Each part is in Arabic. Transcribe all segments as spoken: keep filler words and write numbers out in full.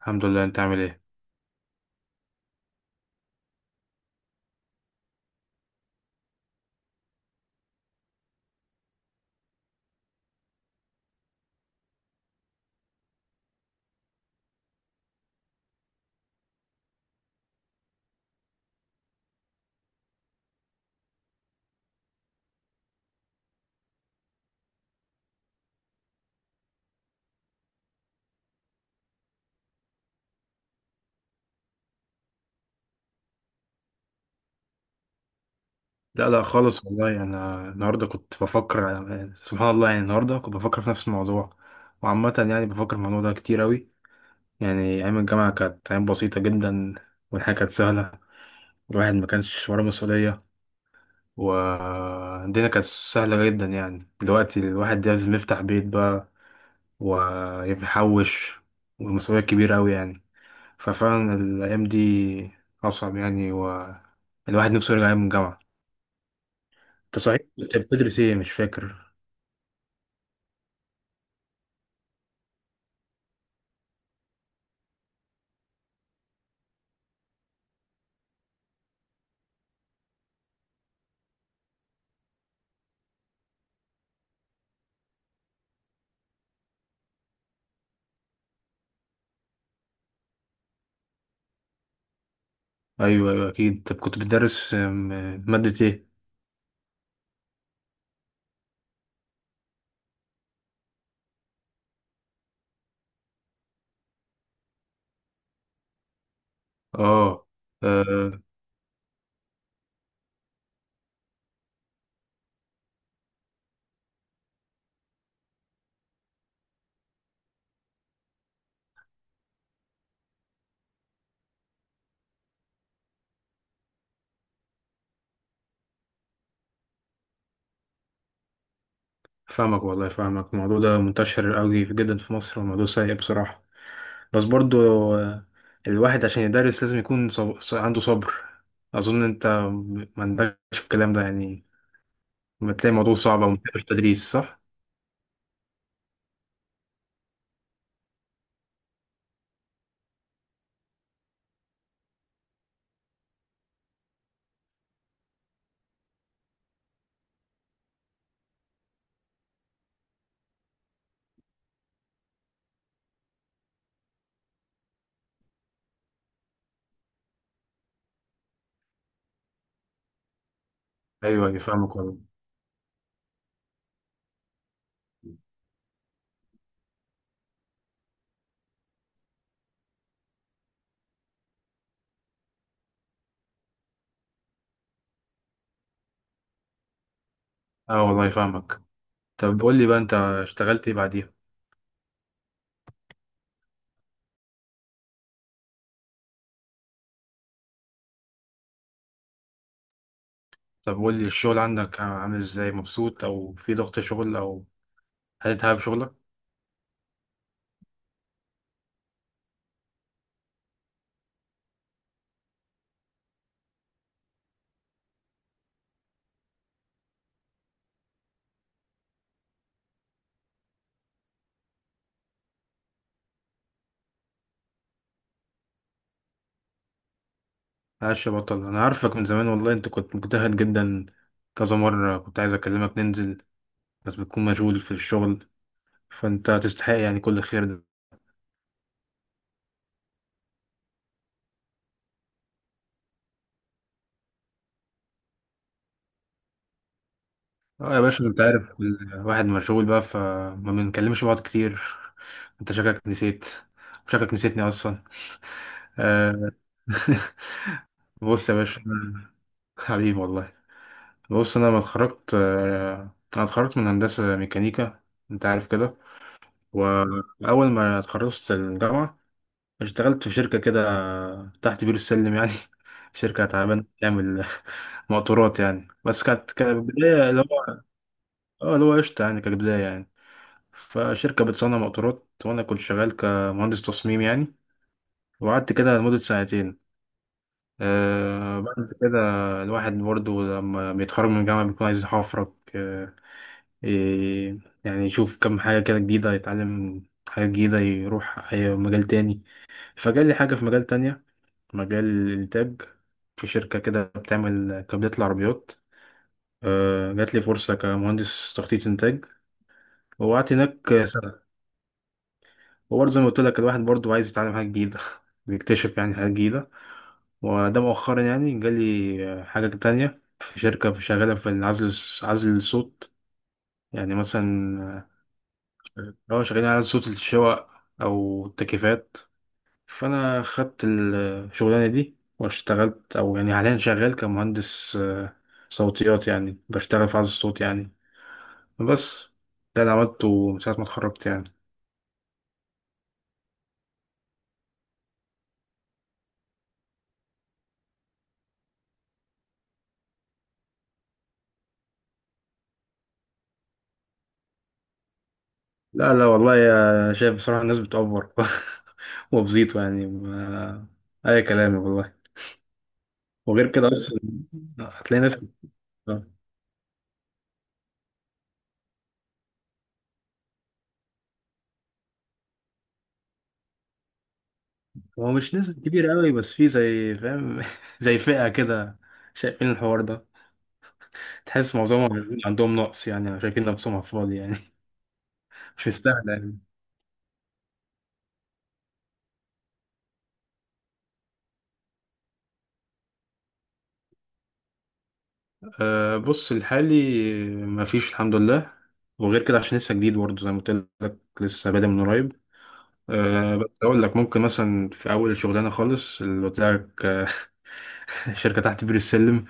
الحمد لله، انت عامل ايه؟ لا لا خالص والله، انا النهارده كنت بفكر. سبحان الله، يعني النهارده كنت بفكر في نفس الموضوع. وعامة يعني بفكر في الموضوع ده كتير اوي. يعني ايام الجامعة كانت ايام بسيطة جدا، والحياة كانت سهلة، الواحد ما كانش وراه مسؤولية، والدنيا كانت سهلة جدا. يعني دلوقتي الواحد لازم يفتح بيت بقى، ويحوش، والمسؤولية كبيرة اوي يعني. ففعلا الايام دي اصعب يعني، والواحد نفسه يرجع ايام الجامعة. انت صحيح كنت بتدرس ايه؟ مش فاكر. ايوه ايوه اكيد. طب كنت بتدرس آم، مادة ايه؟ اه. آه، فاهمك والله، فاهمك. الموضوع ده منتشر قوي جدا في مصر، وموضوع سيء بصراحة. بس برضو، آه، الواحد عشان يدرس لازم يكون صب... ص- عنده صبر. اظن انت ما عندكش الكلام ده يعني، بتلاقي الموضوع صعب وما بتحبش التدريس، صح؟ ايوه ايوه فاهمك والله. اه والله فاهمك. طب قول لي بقى، انت اشتغلت ايه بعديها؟ طب قول لي، الشغل عندك عامل ازاي؟ مبسوط، او في ضغط شغل، او هتتعب شغلك؟ معلش يا بطل، انا عارفك من زمان والله، انت كنت مجتهد جدا. كذا مرة كنت عايز اكلمك ننزل، بس بتكون مشغول في الشغل. فانت تستحق يعني كل الخير ده. اه يا باشا، انت عارف الواحد مشغول بقى فما بنكلمش بعض كتير. انت شكلك نسيت، شكلك نسيتني اصلا. آه. بص يا باشا، حبيبي والله. بص، انا لما اتخرجت، آه، انا اتخرجت من هندسة ميكانيكا، انت عارف كده. واول ما اتخرجت الجامعة، اشتغلت في شركة كده تحت بير السلم يعني. شركة تعبانة بتعمل موتورات يعني، بس كانت كبداية اللي هو، اه اللي هو قشطة يعني كبداية يعني. فشركة بتصنع موتورات وأنا كنت شغال كمهندس تصميم يعني. وقعدت كده لمدة سنتين. آه، بعد كده الواحد برضه لما بيتخرج من الجامعة بيكون عايز يحفرك. آه ي- يعني يشوف كم حاجة كده جديدة، يتعلم حاجة جديدة، يروح أي مجال تاني. فجالي حاجة في مجال تانية، مجال الإنتاج، في شركة كده بتعمل كابلات العربيات. آه، جات لي فرصة كمهندس تخطيط إنتاج. وقعدت هناك سنة، وبرضه زي ما قلت لك الواحد برضه عايز يتعلم حاجة جديدة بيكتشف يعني حاجة جديدة. وده مؤخرا يعني جالي حاجة تانية في شركة شغالة في العزل، عزل الصوت. يعني مثلا، آه، لو شغالين على صوت الشواء أو التكييفات. فانا خدت الشغلانه دي واشتغلت، او يعني حاليا شغال كمهندس آه، صوتيات يعني، بشتغل في عزل الصوت يعني. بس ده اللي عملته من ساعه ما اتخرجت يعني. لا لا والله يا شايف، بصراحه الناس بتأفور وبزيطه يعني، ما... اي كلام والله. وغير كده اصلا هتلاقي ناس، هو مش نسبة كبيرة قوي، بس في زي فاهم زي فئة كده، شايفين الحوار ده، تحس معظمهم عندهم نقص يعني، شايفين نفسهم على الفاضي يعني مش مستاهلة يعني. أه بص، الحالي مفيش الحمد لله، وغير كده عشان لسه جديد برضه زي ما قلت لك، لسه بادئ من قريب. أه بس أقول لك، ممكن مثلا في أول شغلانة خالص اللي قلت لك، آه، شركة تحت بير السلم.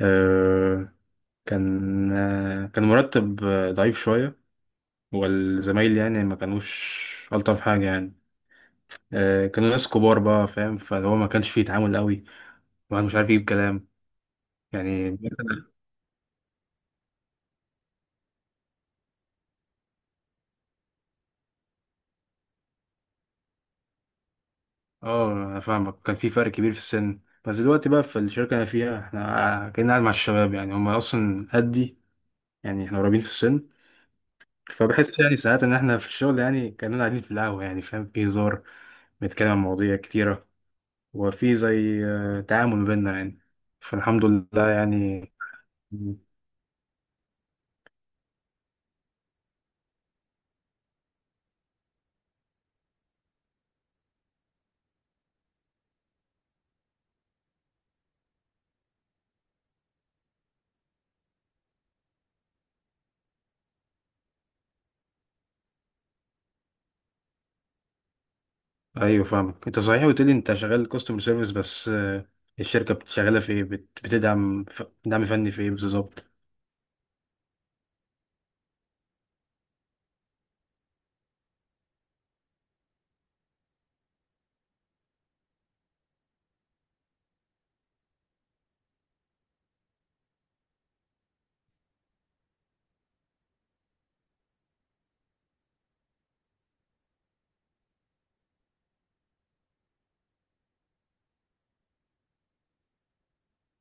أه كان، أه كان مرتب آه، ضعيف شوية، والزمايل يعني ما كانوش ألطف حاجة يعني. أه كانوا ناس كبار بقى فاهم، فهو ما كانش فيه تعامل قوي، الواحد مش عارف يجيب كلام يعني. اه انا فاهمك، كان في فرق كبير في السن. بس دلوقتي بقى في الشركه اللي انا فيها، احنا كنا قاعد مع الشباب يعني، هم اصلا قدي يعني، احنا قريبين في السن. فبحس يعني ساعات ان احنا في الشغل يعني كاننا قاعدين في القهوه يعني، فاهم، في هزار، بنتكلم عن مواضيع كتيره، وفي زي آه، تعامل ما بيننا يعني. فالحمد لله يعني. مم. ايوه فاهمك. انت صحيح قلت لي انت شغال كاستمر سيرفيس، بس آه، الشركه بتشغلها في ايه، بت- بتدعم، ف- دعم فني في ايه بالظبط؟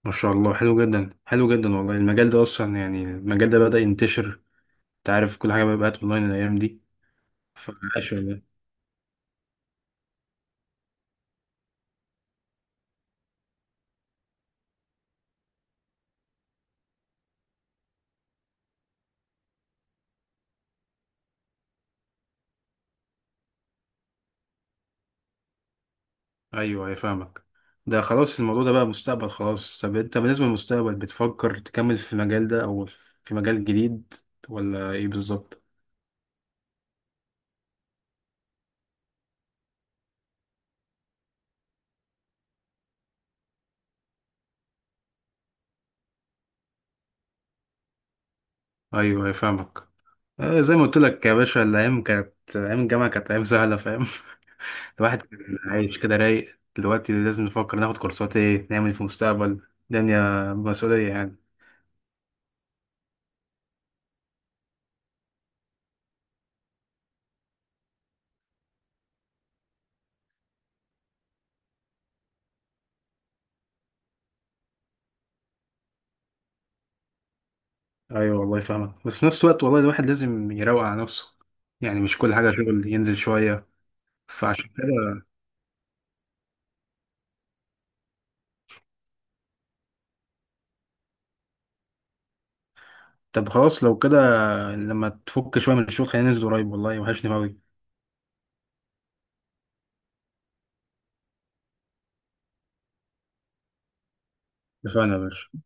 ما شاء الله، حلو جدا، حلو جدا والله. المجال ده اصلا يعني المجال ده بدأ ينتشر، انت عارف كل حاجه بقت اونلاين الايام دي. فعاش والله. ايوه ايوه فاهمك. ده خلاص الموضوع ده بقى مستقبل خلاص. طب انت بالنسبه للمستقبل بتفكر تكمل في المجال ده، او في مجال جديد، ولا ايه بالظبط؟ ايوه ايوه فاهمك. آه، زي ما قلت لك يا باشا، الايام كانت، ايام الجامعه كانت ايام سهله فاهم. الواحد كان عايش كده رايق، دلوقتي لازم نفكر ناخد كورسات ايه، نعمل إيه في المستقبل، الدنيا مسؤوليه يعني. ايوه والله فاهمك، بس في نفس الوقت والله الواحد لازم يروق على نفسه، يعني مش كل حاجه شغل، ينزل شويه. فعشان كده، طب خلاص لو كده، لما تفك شويه من الشغل خلينا ننزل قريب والله، وحشني قوي. اتفقنا يا باشا.